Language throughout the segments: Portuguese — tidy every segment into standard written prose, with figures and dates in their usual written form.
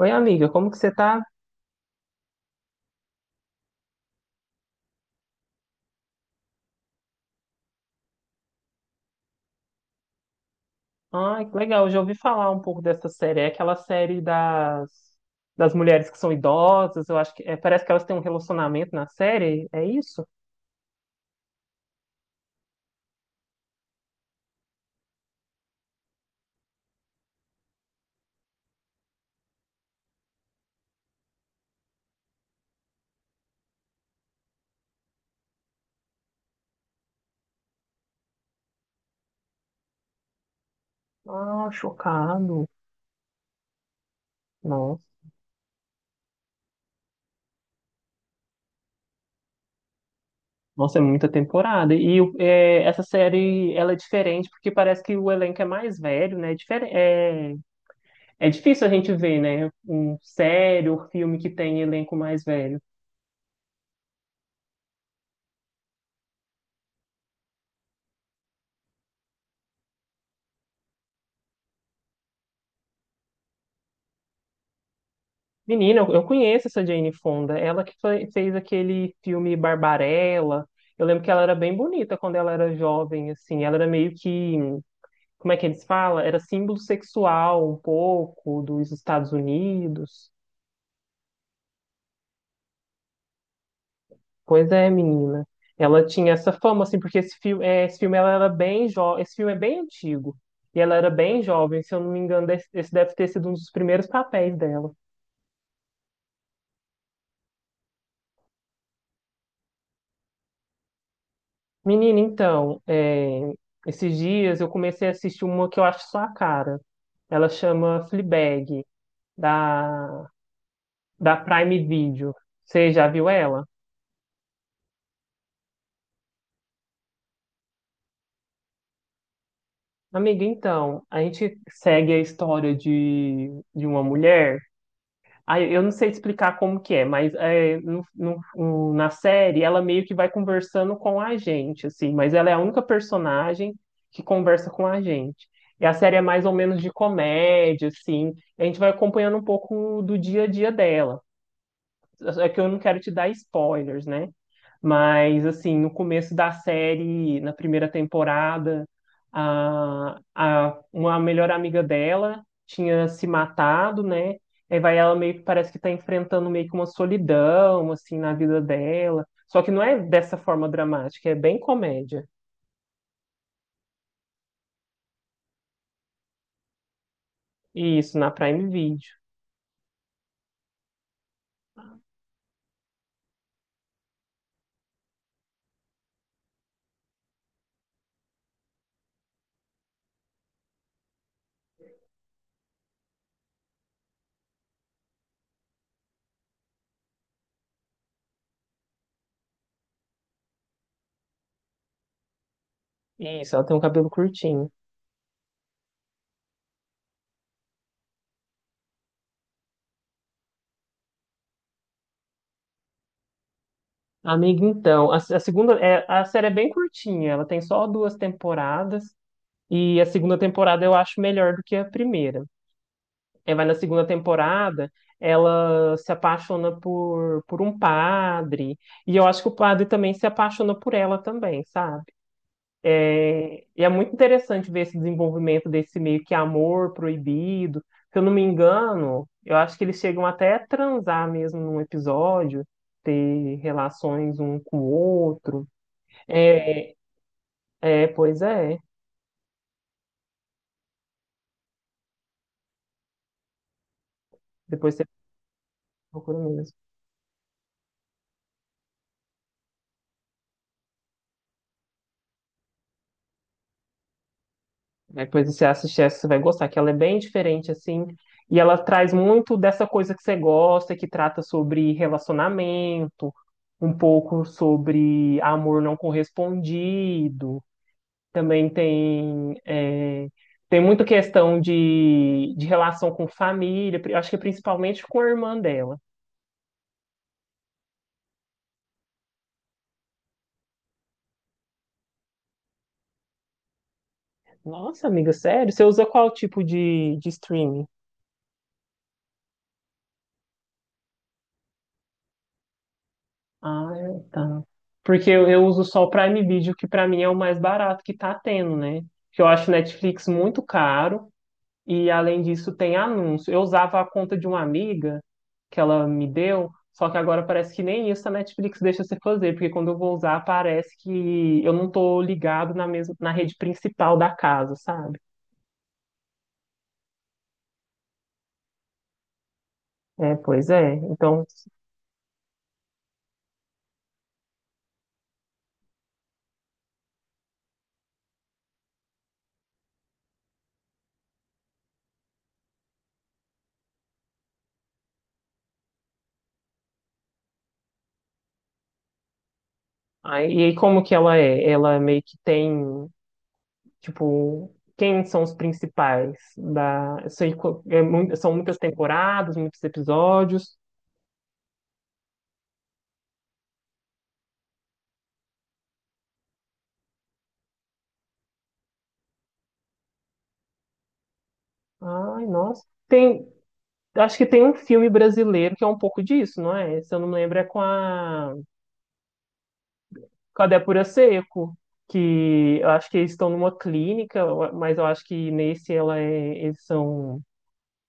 Oi, amiga, como que você tá? Ai, que legal, eu já ouvi falar um pouco dessa série. É aquela série das mulheres que são idosas, eu acho que é, parece que elas têm um relacionamento na série, é isso? Ah, chocado. Nossa, nossa, é muita temporada. Essa série, ela é diferente porque parece que o elenco é mais velho, né? É difícil a gente ver, né? Um série ou filme que tem elenco mais velho. Menina, eu conheço essa Jane Fonda. Ela que fez aquele filme Barbarella. Eu lembro que ela era bem bonita quando ela era jovem, assim. Ela era meio que, como é que eles falam? Era símbolo sexual um pouco dos Estados Unidos. Pois é, menina. Ela tinha essa fama, assim, porque esse filme, é, esse filme ela era bem jovem. Esse filme é bem antigo. E ela era bem jovem, se eu não me engano, esse deve ter sido um dos primeiros papéis dela. Menina, então, é, esses dias eu comecei a assistir uma que eu acho sua cara. Ela chama Fleabag, da, da Prime Video. Você já viu ela? Amiga, então, a gente segue a história de uma mulher. Ah, eu não sei te explicar como que é, mas é, na série ela meio que vai conversando com a gente, assim, mas ela é a única personagem que conversa com a gente. E a série é mais ou menos de comédia, assim, e a gente vai acompanhando um pouco do dia a dia dela. É que eu não quero te dar spoilers, né? Mas, assim, no começo da série, na primeira temporada, uma melhor amiga dela tinha se matado, né? Aí vai ela meio que parece que tá enfrentando meio que uma solidão, assim, na vida dela. Só que não é dessa forma dramática, é bem comédia. Isso, na Prime Video. Isso, ela tem um cabelo curtinho. Amiga, então, a segunda, é, a série é bem curtinha, ela tem só duas temporadas. E a segunda temporada eu acho melhor do que a primeira. É, vai na segunda temporada, ela se apaixona por um padre, e eu acho que o padre também se apaixona por ela também, sabe? É, e é muito interessante ver esse desenvolvimento desse meio que amor proibido. Se eu não me engano, eu acho que eles chegam até a transar mesmo num episódio, ter relações um com o outro. É, pois é. Depois você procura mesmo. É coisa que você assistir essa, você vai gostar, que ela é bem diferente, assim, e ela traz muito dessa coisa que você gosta, que trata sobre relacionamento, um pouco sobre amor não correspondido, também tem, é, tem muita questão de relação com família, acho que principalmente com a irmã dela. Nossa, amiga, sério? Você usa qual tipo de streaming? Ah, é, tá. Porque eu uso só o Prime Video, que pra mim é o mais barato que tá tendo, né? Porque eu acho Netflix muito caro e, além disso, tem anúncio. Eu usava a conta de uma amiga que ela me deu, só que agora parece que nem isso a Netflix deixa você fazer, porque quando eu vou usar, parece que eu não tô ligado na mesma, na rede principal da casa, sabe? É, pois é. Então, aí, e aí como que ela é? Ela meio que tem. Tipo, quem são os principais da... eu sei são muitas temporadas, muitos episódios. Ai, nossa. Tem... Acho que tem um filme brasileiro que é um pouco disso, não é? Se eu não me lembro, é com a Débora Seco, que eu acho que eles estão numa clínica, eu- mas eu acho que nesse ela é... eles são...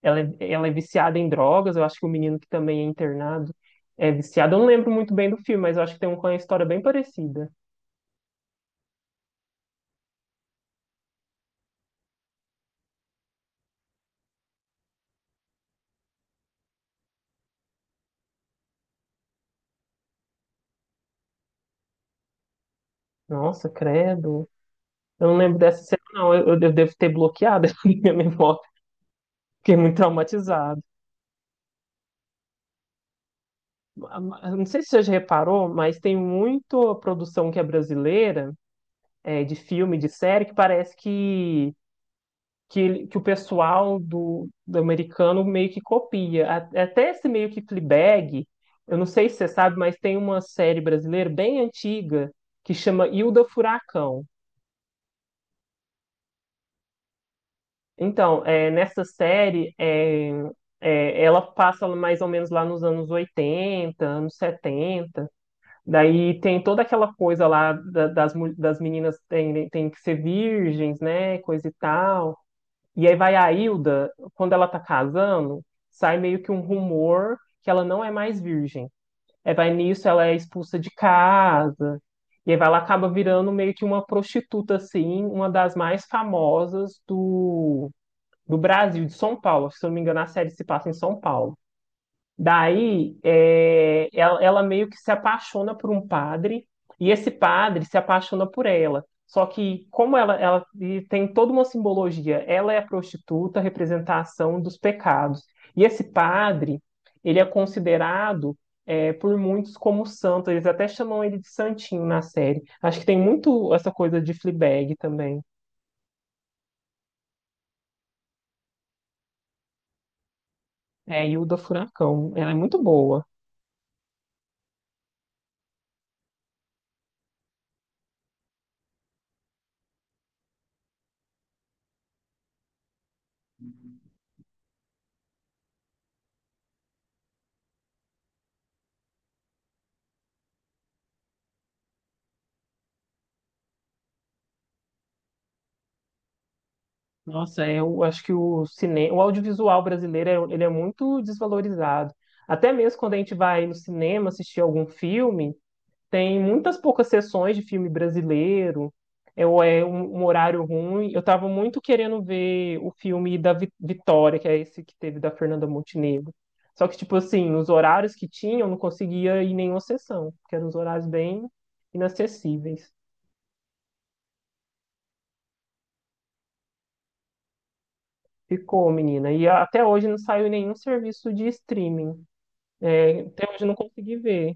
Ela é viciada em drogas, eu acho que o menino que também é internado é viciado. Eu não lembro muito bem do filme, mas eu acho que tem um com a história bem parecida. Nossa, credo. Eu não lembro dessa cena, não. Eu devo ter bloqueado a minha memória. Fiquei muito traumatizado. Eu não sei se você já reparou, mas tem muita produção que é brasileira, é, de filme, de série, que parece que, que o pessoal do americano meio que copia. Até esse meio que Fleabag, eu não sei se você sabe, mas tem uma série brasileira bem antiga que chama Hilda Furacão. Então, é, nessa série, ela passa mais ou menos lá nos anos 80 anos 70. Daí tem toda aquela coisa lá das meninas tem, tem que ser virgens, né? Coisa e tal. E aí vai a Hilda, quando ela tá casando, sai meio que um rumor que ela não é mais virgem. Aí vai nisso, ela é expulsa de casa. Ela acaba virando meio que uma prostituta, assim, uma das mais famosas do Brasil, de São Paulo. Se eu não me engano, a série se passa em São Paulo. Daí, é, ela meio que se apaixona por um padre, e esse padre se apaixona por ela. Só que, como ela tem toda uma simbologia, ela é a prostituta, a representação dos pecados. E esse padre, ele é considerado é, por muitos como santo. Eles até chamam ele de santinho na série. Acho que tem muito essa coisa de Fleabag também. É, Hilda Furacão. Ela é muito boa. Nossa, é, eu acho que o cinema, o audiovisual brasileiro, ele é muito desvalorizado. Até mesmo quando a gente vai no cinema assistir algum filme, tem muitas poucas sessões de filme brasileiro, é, ou é um horário ruim. Eu estava muito querendo ver o filme da Vitória, que é esse que teve da Fernanda Montenegro. Só que, tipo assim, os horários que tinha, eu não conseguia ir em nenhuma sessão, porque eram os horários bem inacessíveis. Ficou, menina. E até hoje não saiu em nenhum serviço de streaming. É, até hoje eu não consegui ver.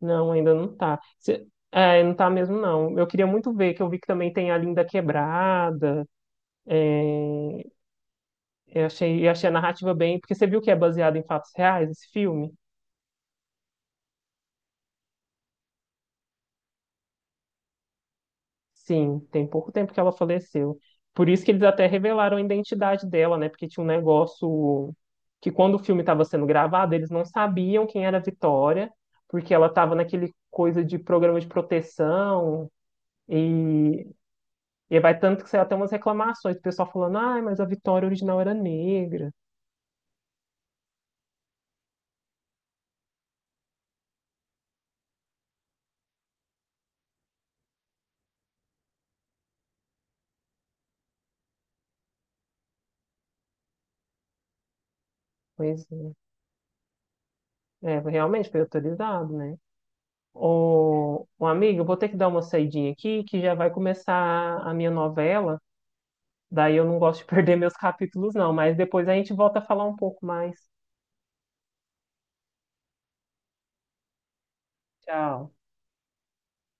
Não, ainda não tá. Não tá mesmo, não. Eu queria muito ver, que eu vi que também tem a Linda Quebrada. Eu achei a narrativa bem. Porque você viu que é baseado em fatos reais esse filme? Sim, tem pouco tempo que ela faleceu. Por isso que eles até revelaram a identidade dela, né? Porque tinha um negócio que quando o filme estava sendo gravado, eles não sabiam quem era a Vitória, porque ela estava naquele coisa de programa de proteção. E e aí vai tanto que saiu até umas reclamações, o pessoal falando, ah, mas a Vitória original era negra. Pois é, é, realmente foi autorizado, né? Ô, ô, amigo, eu vou ter que dar uma saidinha aqui, que já vai começar a minha novela. Daí eu não gosto de perder meus capítulos, não, mas depois a gente volta a falar um pouco mais. Tchau.